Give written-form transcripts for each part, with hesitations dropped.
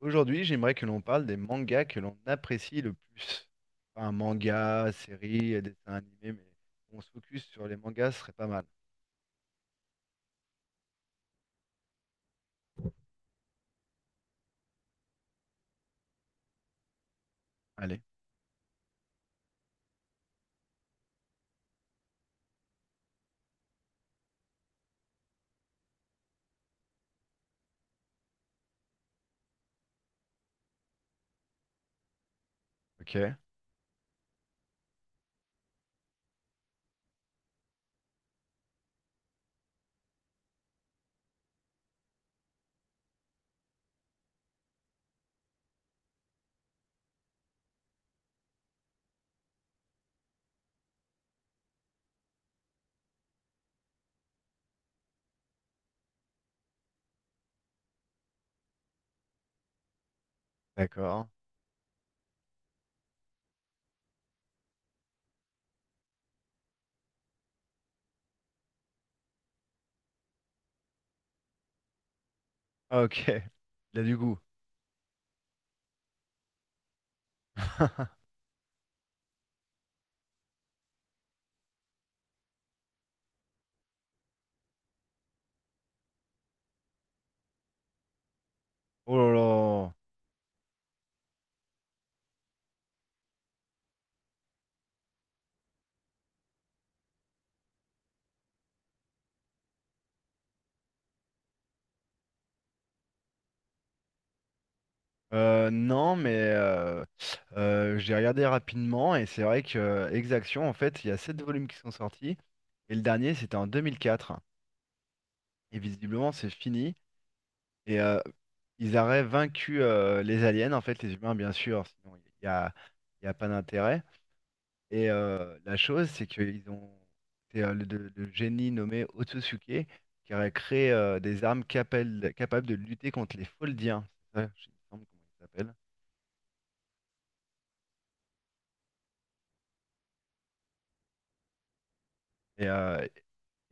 Aujourd'hui, j'aimerais que l'on parle des mangas que l'on apprécie le plus. Enfin, manga, série, dessin animé, mais on se focus sur les mangas, ce serait pas mal. Allez, ok, d'accord. Ah, ok, il a du goût. Oh là là. Non, mais j'ai regardé rapidement et c'est vrai que Exaction, en fait, il y a sept volumes qui sont sortis et le dernier, c'était en 2004. Et visiblement, c'est fini. Et euh, Ils auraient vaincu les aliens, en fait, les humains, bien sûr, sinon il y a pas d'intérêt. La chose, c'est qu'ils ont. C'est le génie nommé Otsutsuke qui aurait créé des armes capables de lutter contre les Foldiens. C'est ça, il me semble comment ils s'appellent. Et, euh,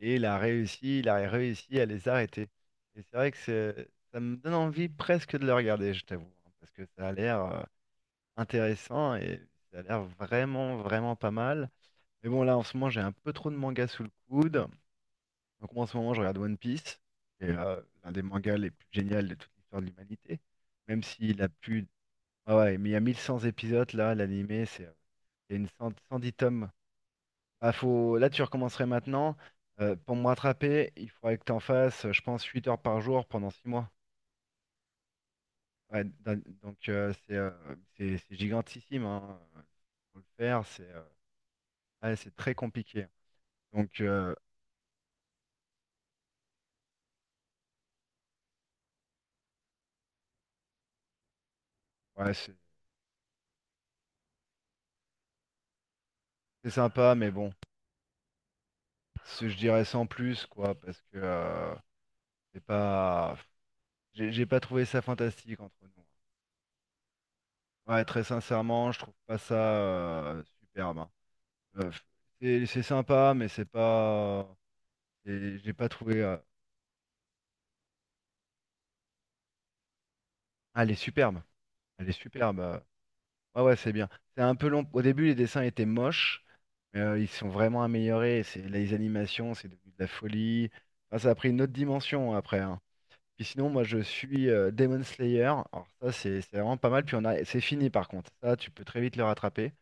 et il a réussi à les arrêter. Et c'est vrai que ça me donne envie presque de le regarder, je t'avoue, hein, parce que ça a l'air intéressant et ça a l'air vraiment, vraiment pas mal. Mais bon, là, en ce moment, j'ai un peu trop de mangas sous le coude. Donc, moi, en ce moment, je regarde One Piece, qui est l'un des mangas les plus géniaux de toute l'histoire de l'humanité. Même s'il a plus. Ah ouais, mais il y a 1 100 épisodes, là, l'animé, c'est. Il y a 110 tomes. Ah, faut. Là, tu recommencerais maintenant. Pour me rattraper, il faudrait que tu en fasses, je pense, 8 heures par jour pendant 6 mois. Ouais, donc, c'est gigantissime. Hein. Faut le faire, c'est ouais, c'est très compliqué. Donc, ouais, c'est sympa, mais bon. Je dirais sans plus, quoi, parce que c'est pas, j'ai pas trouvé ça fantastique entre nous. Ouais, très sincèrement, je trouve pas ça superbe. Hein. Euh, c'est sympa, mais c'est pas, c'est- j'ai pas trouvé. Ah, elle est superbe, elle est superbe. Ouais, ouais, c'est bien. C'est un peu long. Au début, les dessins étaient moches, mais ils sont vraiment améliorés. C'est les animations, c'est devenu de la folie. Enfin, ça a pris une autre dimension après. Hein. Puis sinon, moi, je suis Demon Slayer. Alors ça, c'est vraiment pas mal. Puis c'est fini par contre. Ça, tu peux très vite le rattraper.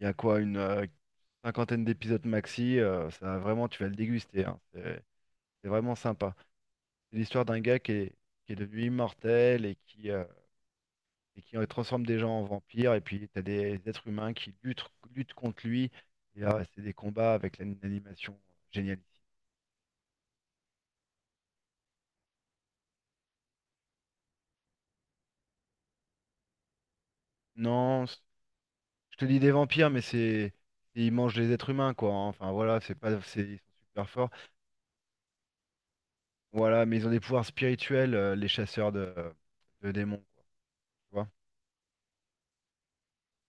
Il y a quoi, une cinquantaine d'épisodes maxi. Ça, vraiment, tu vas le déguster. Hein. C'est vraiment sympa. C'est l'histoire d'un gars qui est devenu immortel et qui transforme des gens en vampires. Et puis, t'as des êtres humains qui luttent contre lui. Et là, c'est des combats avec l'animation géniale. Non, je te dis des vampires, mais c'est. Ils mangent les êtres humains, quoi. Hein. Enfin, voilà, c'est pas. Ils sont super forts. Voilà, mais ils ont des pouvoirs spirituels, les chasseurs de démons, quoi. Tu vois?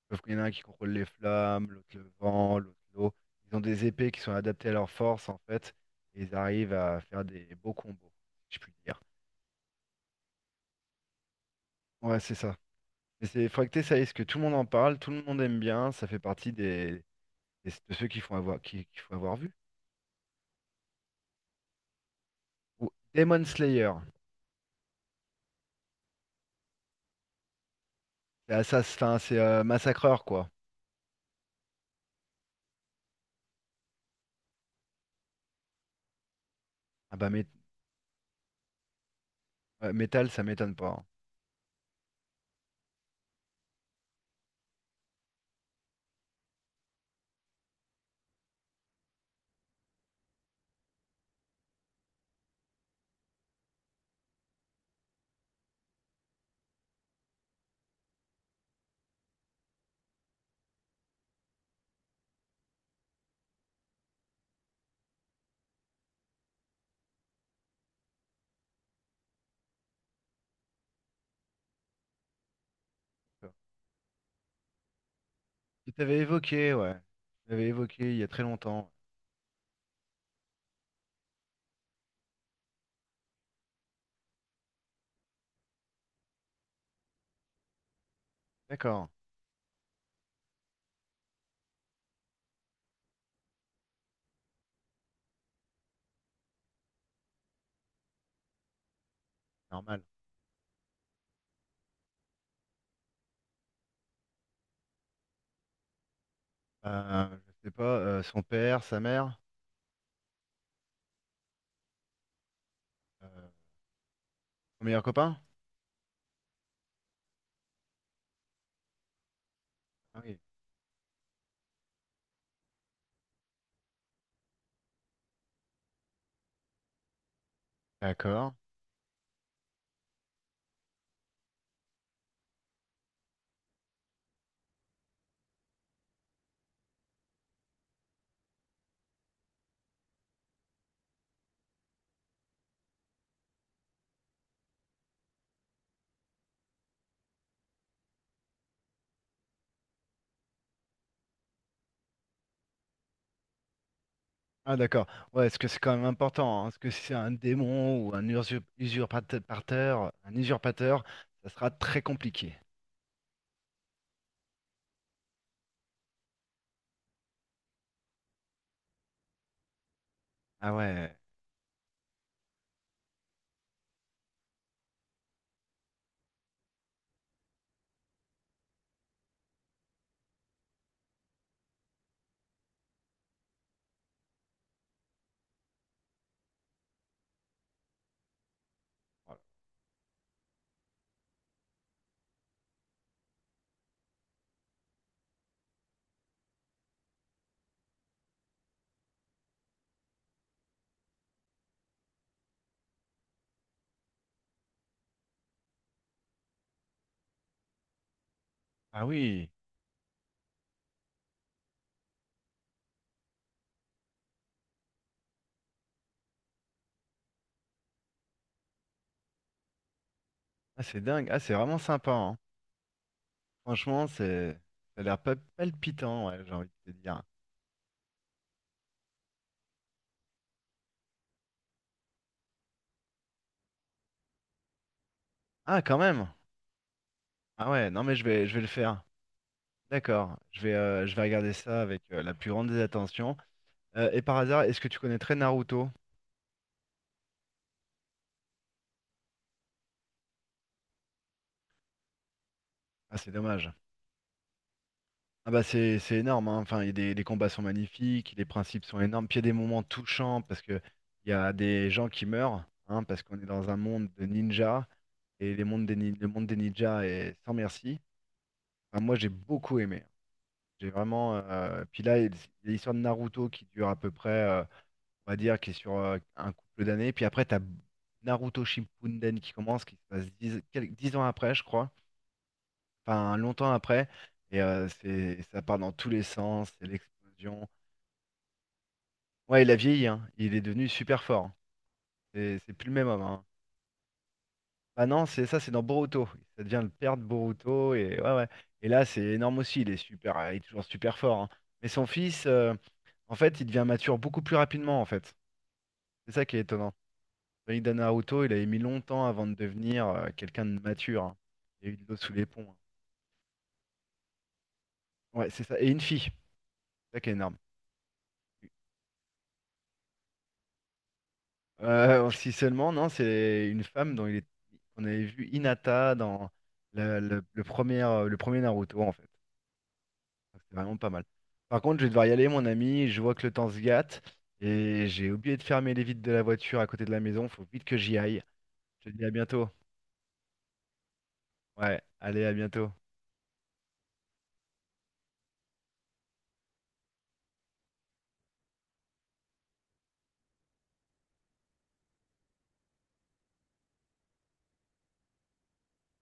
Sauf qu'il y en a un qui contrôle les flammes, l'autre le vent, l'autre l'eau. Ils ont des épées qui sont adaptées à leur force, en fait. Et ils arrivent à faire des beaux combos, si je puis dire. Ouais, c'est ça. Mais c'est faudrait que t'essayes, parce que tout le monde en parle, tout le monde aime bien. Ça fait partie de ceux qu'il faut avoir, qu'il faut avoir vu. Ou Demon Slayer. C'est assassin, c'est massacreur, quoi. Ah bah ouais, métal, ça m'étonne pas. Hein. Tu t'avais évoqué, ouais. Tu t'avais évoqué il y a très longtemps. D'accord, normal. Je sais pas, son père, sa mère, euh, son meilleur copain? Ah oui. D'accord. Ah d'accord. Ouais, est-ce que c'est quand même important? Hein, est-ce que si c'est un démon ou un usurpateur, ça sera très compliqué. Ah ouais. Voilà. Ah oui. Ah c'est dingue. Ah c'est vraiment sympa. Hein. Franchement, ça a l'air palpitant, ouais, j'ai envie de te dire. Ah quand même. Ah ouais, non mais je vais le faire. D'accord, je vais regarder ça avec la plus grande des attentions. Et par hasard, est-ce que tu connaîtrais Naruto? Ah c'est dommage. Ah bah c'est énorme, hein. Enfin, il y a des, les combats sont magnifiques, les principes sont énormes, puis il y a des moments touchants parce que il y a des gens qui meurent, hein, parce qu'on est dans un monde de ninjas et les mondes des, nin- le monde des ninjas est sans merci. Enfin, moi j'ai beaucoup aimé. J'ai vraiment. Puis là, il y a l'histoire de Naruto qui dure à peu près. On va dire, qui est sur un couple d'années. Puis après, tu as Naruto Shippuden qui commence, qui se passe 10 ans après, je crois. Enfin, longtemps après. Et ça part dans tous les sens, c'est l'explosion. Ouais, il a vieilli, hein. Il est devenu super fort. C'est plus le même homme, hein. Ah non, c'est ça, c'est dans Boruto. Ça devient le père de Boruto. Et, ouais, ouais. Et là, c'est énorme aussi. Il est toujours super fort. Hein. Mais son fils, en fait, il devient mature beaucoup plus rapidement, en fait. C'est ça qui est étonnant. Maïda Naruto, il avait mis longtemps avant de devenir quelqu'un de mature. Hein. Il y a eu de l'eau sous les ponts. Hein. Ouais, c'est ça. Et une fille, c'est ça qui est énorme. Si seulement, non, c'est une femme dont il est. On avait vu Hinata dans le le premier Naruto, en fait. Donc, c'était vraiment pas mal. Par contre, je vais devoir y aller, mon ami. Je vois que le temps se gâte. Et j'ai oublié de fermer les vitres de la voiture à côté de la maison. Faut vite que j'y aille. Je te dis à bientôt. Ouais, allez, à bientôt.